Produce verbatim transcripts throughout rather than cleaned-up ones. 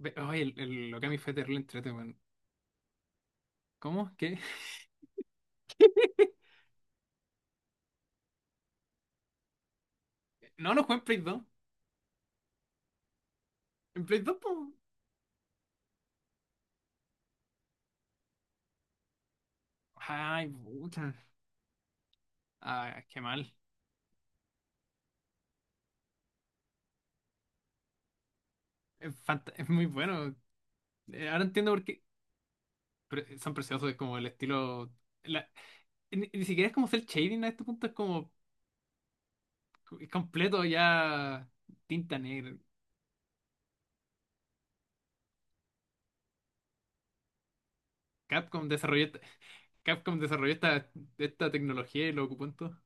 Ve- Ay, el, el Okami fue terrible entrete, weón. ¿Cómo? ¿Qué? No, no jugué en Play dos. ¿En Play dos, po? Ay, puta. Ay, qué mal. Es, fant- es muy bueno. Eh, Ahora entiendo por qué. Pre- son preciosos, es como el estilo. la- ni, ni siquiera es como cel shading a este punto, es como es completo ya tinta negra. Capcom desarrolló, esta- Capcom desarrolló esta, esta tecnología y lo ocupó en todo.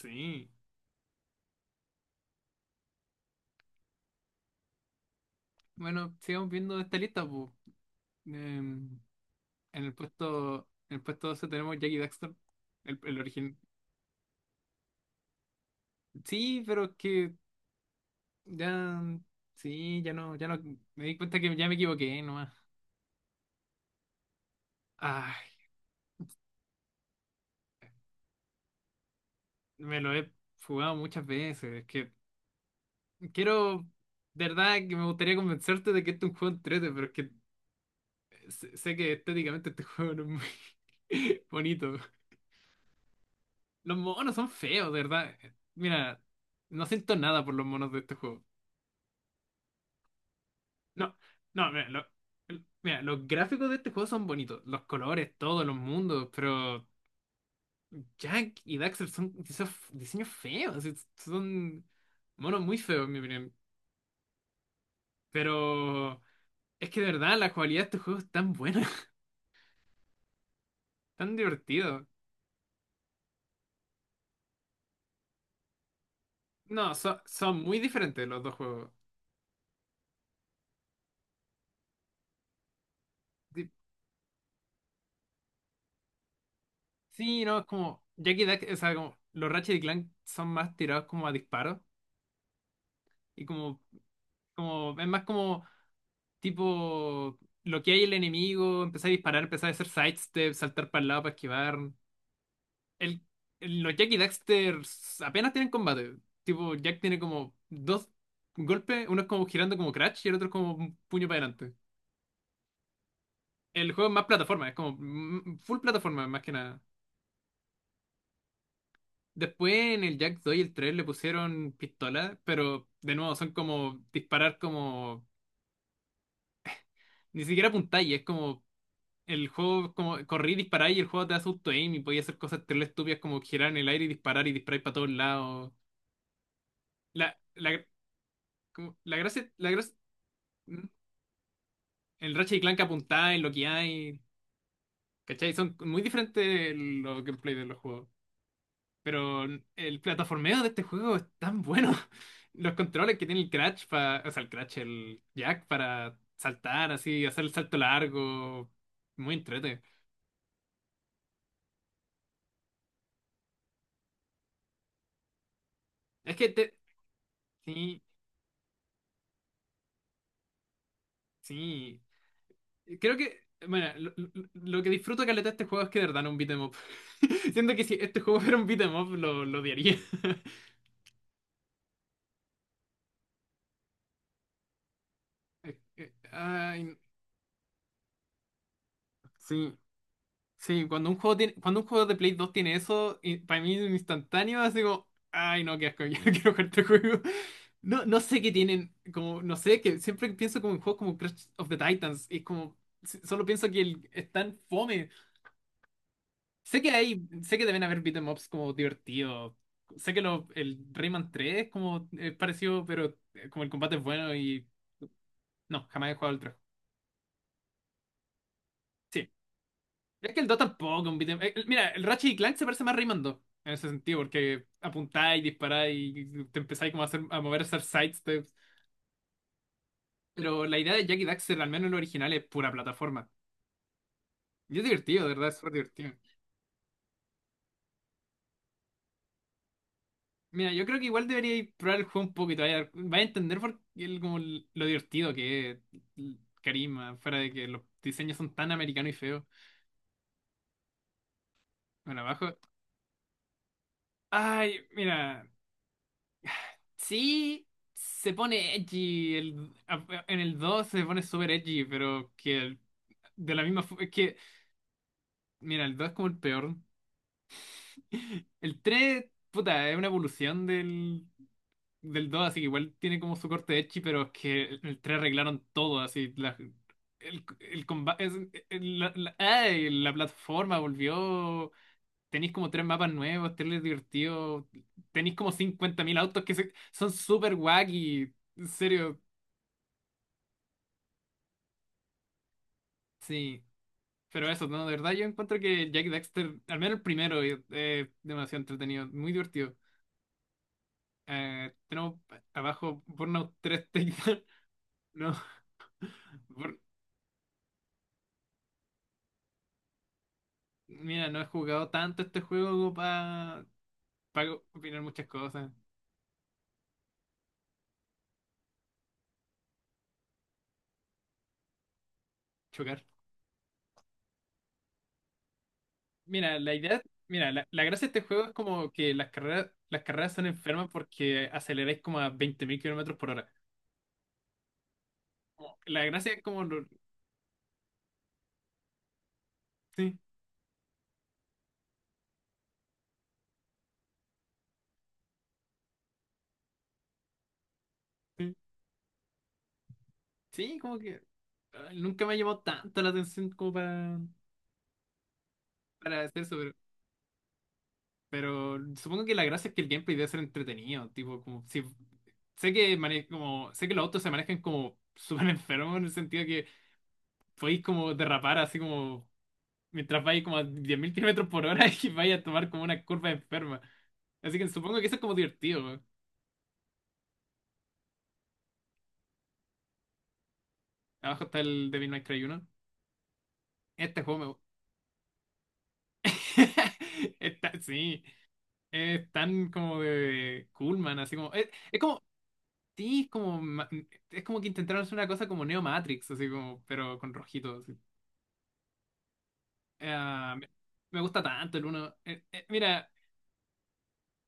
Sí. Bueno, sigamos viendo esta lista, pues. En el puesto, en el puesto doce tenemos Jackie Daxton, el, el original. Sí, pero es que ya. Sí, ya no, ya no. Me di cuenta que ya me equivoqué nomás. Ay, me lo he jugado muchas veces. Es que quiero. De verdad que me gustaría convencerte de que este es un juego entrete, pero es que sé sé que estéticamente este juego no es muy bonito. Los monos son feos, de verdad. Mira, no siento nada por los monos de este juego. No, no, mira, lo- el- mira, los gráficos de este juego son bonitos, los colores, todos los mundos, pero Jack y Daxter son diseños, diseños feos, es- son monos muy feos, en mi opinión. Pero es que de verdad la jugabilidad de este juego es tan buena, tan divertido. No, so- son muy diferentes los dos juegos. Di- Sí, no, es como Jack y Daxter, o sea, como los Ratchet y Clank son más tirados como a disparos y como, como, es más como tipo, lo que hay el enemigo, empezar a disparar, empezar a hacer sidestep, saltar para el lado para esquivar. El, el- los Jack y Daxter apenas tienen combate. Tipo, Jack tiene como dos golpes, uno es como girando como Crash y el otro es como un puño para adelante. El juego es más plataforma, es como mm, full plataforma más que nada. Después en el Jack dos y el tres le pusieron pistola, pero de nuevo son como disparar como… Ni siquiera apuntáis, es como el juego como corrí y dispará y el juego te hace auto aim y podía hacer cosas terrible estúpidas como girar en el aire y disparar y disparar para todos lados. La, la, como- la gracia, la gracia, el Ratchet y Clank apuntáis, lo que hay, ¿cachai? Son muy diferentes los gameplay de los juegos. Pero el plataformeo de este juego es tan bueno. Los controles que tiene el Crash para, o sea, el Crash, el Jack para saltar así, hacer el salto largo, muy entrete. Es que te, sí, sí. Creo que, bueno, lo, lo- lo que disfruto caleta de este juego es que de verdad no es un beat 'em up. Siento que si este juego fuera un beat 'em up, lo, lo odiaría. Eh, eh, Ay, sí, sí, cuando un juego tiene, cuando un juego de Play dos tiene eso, y para mí es instantáneo, así como, ay no, qué asco, yo no quiero jugar este juego. No, no sé qué tienen, como, no sé, que siempre pienso como en juegos como Crash of the Titans, y es como, s- solo pienso que el, es tan fome. Sé que hay, sé que deben haber beat'em ups como divertidos. Sé que lo, el Rayman tres es como es parecido, pero eh, como el combate es bueno y no, jamás he jugado el tres. Sí. Es que el dos tampoco, un beat'em- eh, el- mira, el Ratchet y Clank se parece más a Rayman dos en ese sentido, porque apuntáis, disparáis y te empezáis como a, hacer, a mover, a hacer side steps. Pero la idea de Jack y Daxter, al menos en lo original, es pura plataforma. Y es divertido, de verdad, es súper divertido. Mira, yo creo que igual debería probar el juego un poco y te vaya a dar- vaya a entender por qué el- como el- lo divertido que es el carisma, fuera de que los diseños son tan americanos y feos. Bueno, abajo. Ay, mira, sí se pone edgy, el, en el dos se pone súper edgy, pero que el- de la misma forma, es que, mira, el dos es como el peor. El tres puta, es una evolución del, del dos así que igual tiene como su corte edgy, pero es que el, el tres arreglaron todo, así, la, el, el combate, la, la- ¡ay! La plataforma volvió, tenéis como tres mapas nuevos, tenéis divertido, tenéis como cincuenta mil autos que se- son súper wacky, en serio, sí. Pero eso, no, de verdad yo encuentro que Jack Dexter, al menos el primero, es demasiado entretenido, muy divertido. Eh, tenemos abajo Burnout tres Takedown. No, mira, no he jugado tanto este juego para opinar muchas cosas, chocar. Mira, la idea, mira, la, la gracia de este juego es como que las carreras, las carreras son enfermas porque aceleráis como a veinte mil kilómetros por hora. Como- La gracia es como lo- sí, sí, sí, como que ah, nunca me ha llamado tanto la atención como para, para hacer eso, pero, pero supongo que la gracia es que el gameplay debe ser entretenido, tipo, como si sé que mane- como sé que los autos se manejan como súper enfermos en el sentido podéis como derrapar así como mientras vais como a diez mil kilómetros por hora y vais a tomar como una curva enferma. Así que supongo que eso es como divertido, weón. Abajo está el Devil May Cry uno. Este juego me… está, sí, es tan como de cool, man, así como… Es, es como… Sí, es como… ma- Es como que intentaron hacer una cosa como Neo Matrix, así como… Pero con rojito, así. Ah, me me gusta tanto el uno. Eh, eh, mira,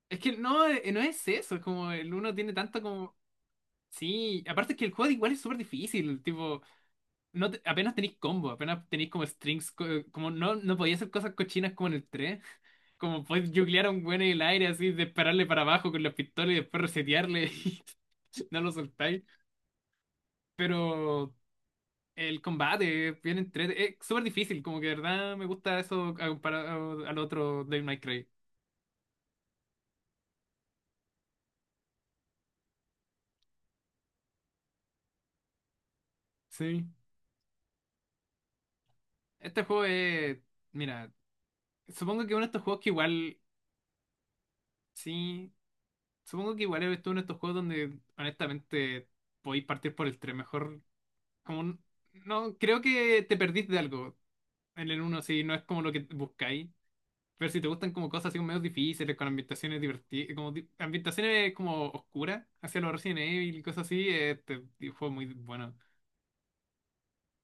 es que no, eh, no es eso, es como el uno tiene tanto como… Sí, aparte que el juego igual es súper difícil, tipo, no te- apenas tenéis combo, apenas tenéis como strings, co- eh, como no, no podía hacer cosas cochinas como en el tres, como podéis juglear a un güey en el aire así, dispararle para abajo con la pistola y después resetearle y no lo soltáis, pero el combate es bien entre, es súper difícil, como que de verdad me gusta eso a comparado al otro Devil May Cry. Sí, este juego es, mira, supongo que uno de estos juegos que igual, sí. Supongo que igual eres uno de estos juegos donde honestamente podéis partir por el tres mejor. Como un- no, creo que te perdís de algo en el uno si no es como lo que buscáis. Pero si te gustan como cosas así como medio difíciles, con ambientaciones divertidas, como di- ambientaciones como oscuras, hacia los Resident Evil y cosas así, este juego muy bueno.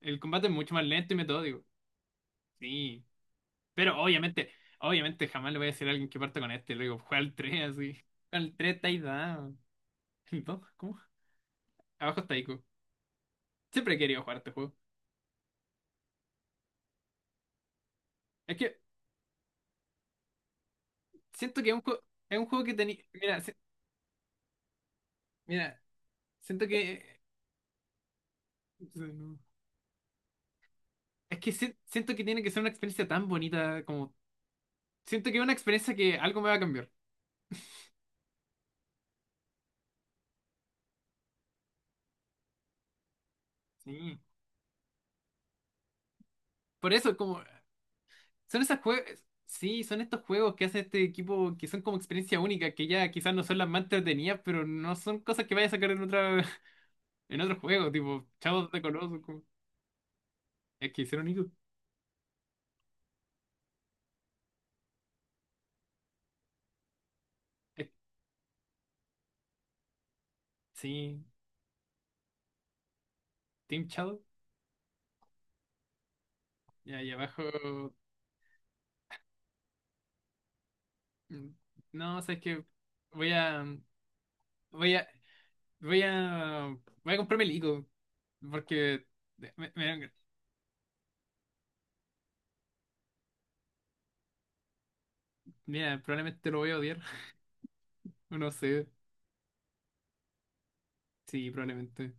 El combate es mucho más lento y metódico. Sí. Pero obviamente, obviamente jamás le voy a decir a alguien que parta con este. Le digo, juega al tres así. Con el tres estáis dado. ¿No? ¿Cómo? Abajo está Ico. Siempre he querido jugar este juego. Es que siento que es un juego, es un juego que tenía. Mira, si- mira, siento que. Es que si- siento que tiene que ser una experiencia tan bonita como. Siento que es una experiencia que algo me va a cambiar. Sí. Por eso, como. Son esas juegos. Sí, son estos juegos que hace este equipo que son como experiencia única, que ya quizás no son las más entretenidas, pero no son cosas que vaya a sacar en otra, en otro juego, tipo Shadow de Colossus, como… Es que hicieron eso. Es- Sí, Team Shadow. Y ahí abajo. Mm, No, sabes que voy a, voy a, voy a, voy a comprarme el Ico, porque, me- me- mira, probablemente lo voy a odiar, no sé, sí, probablemente.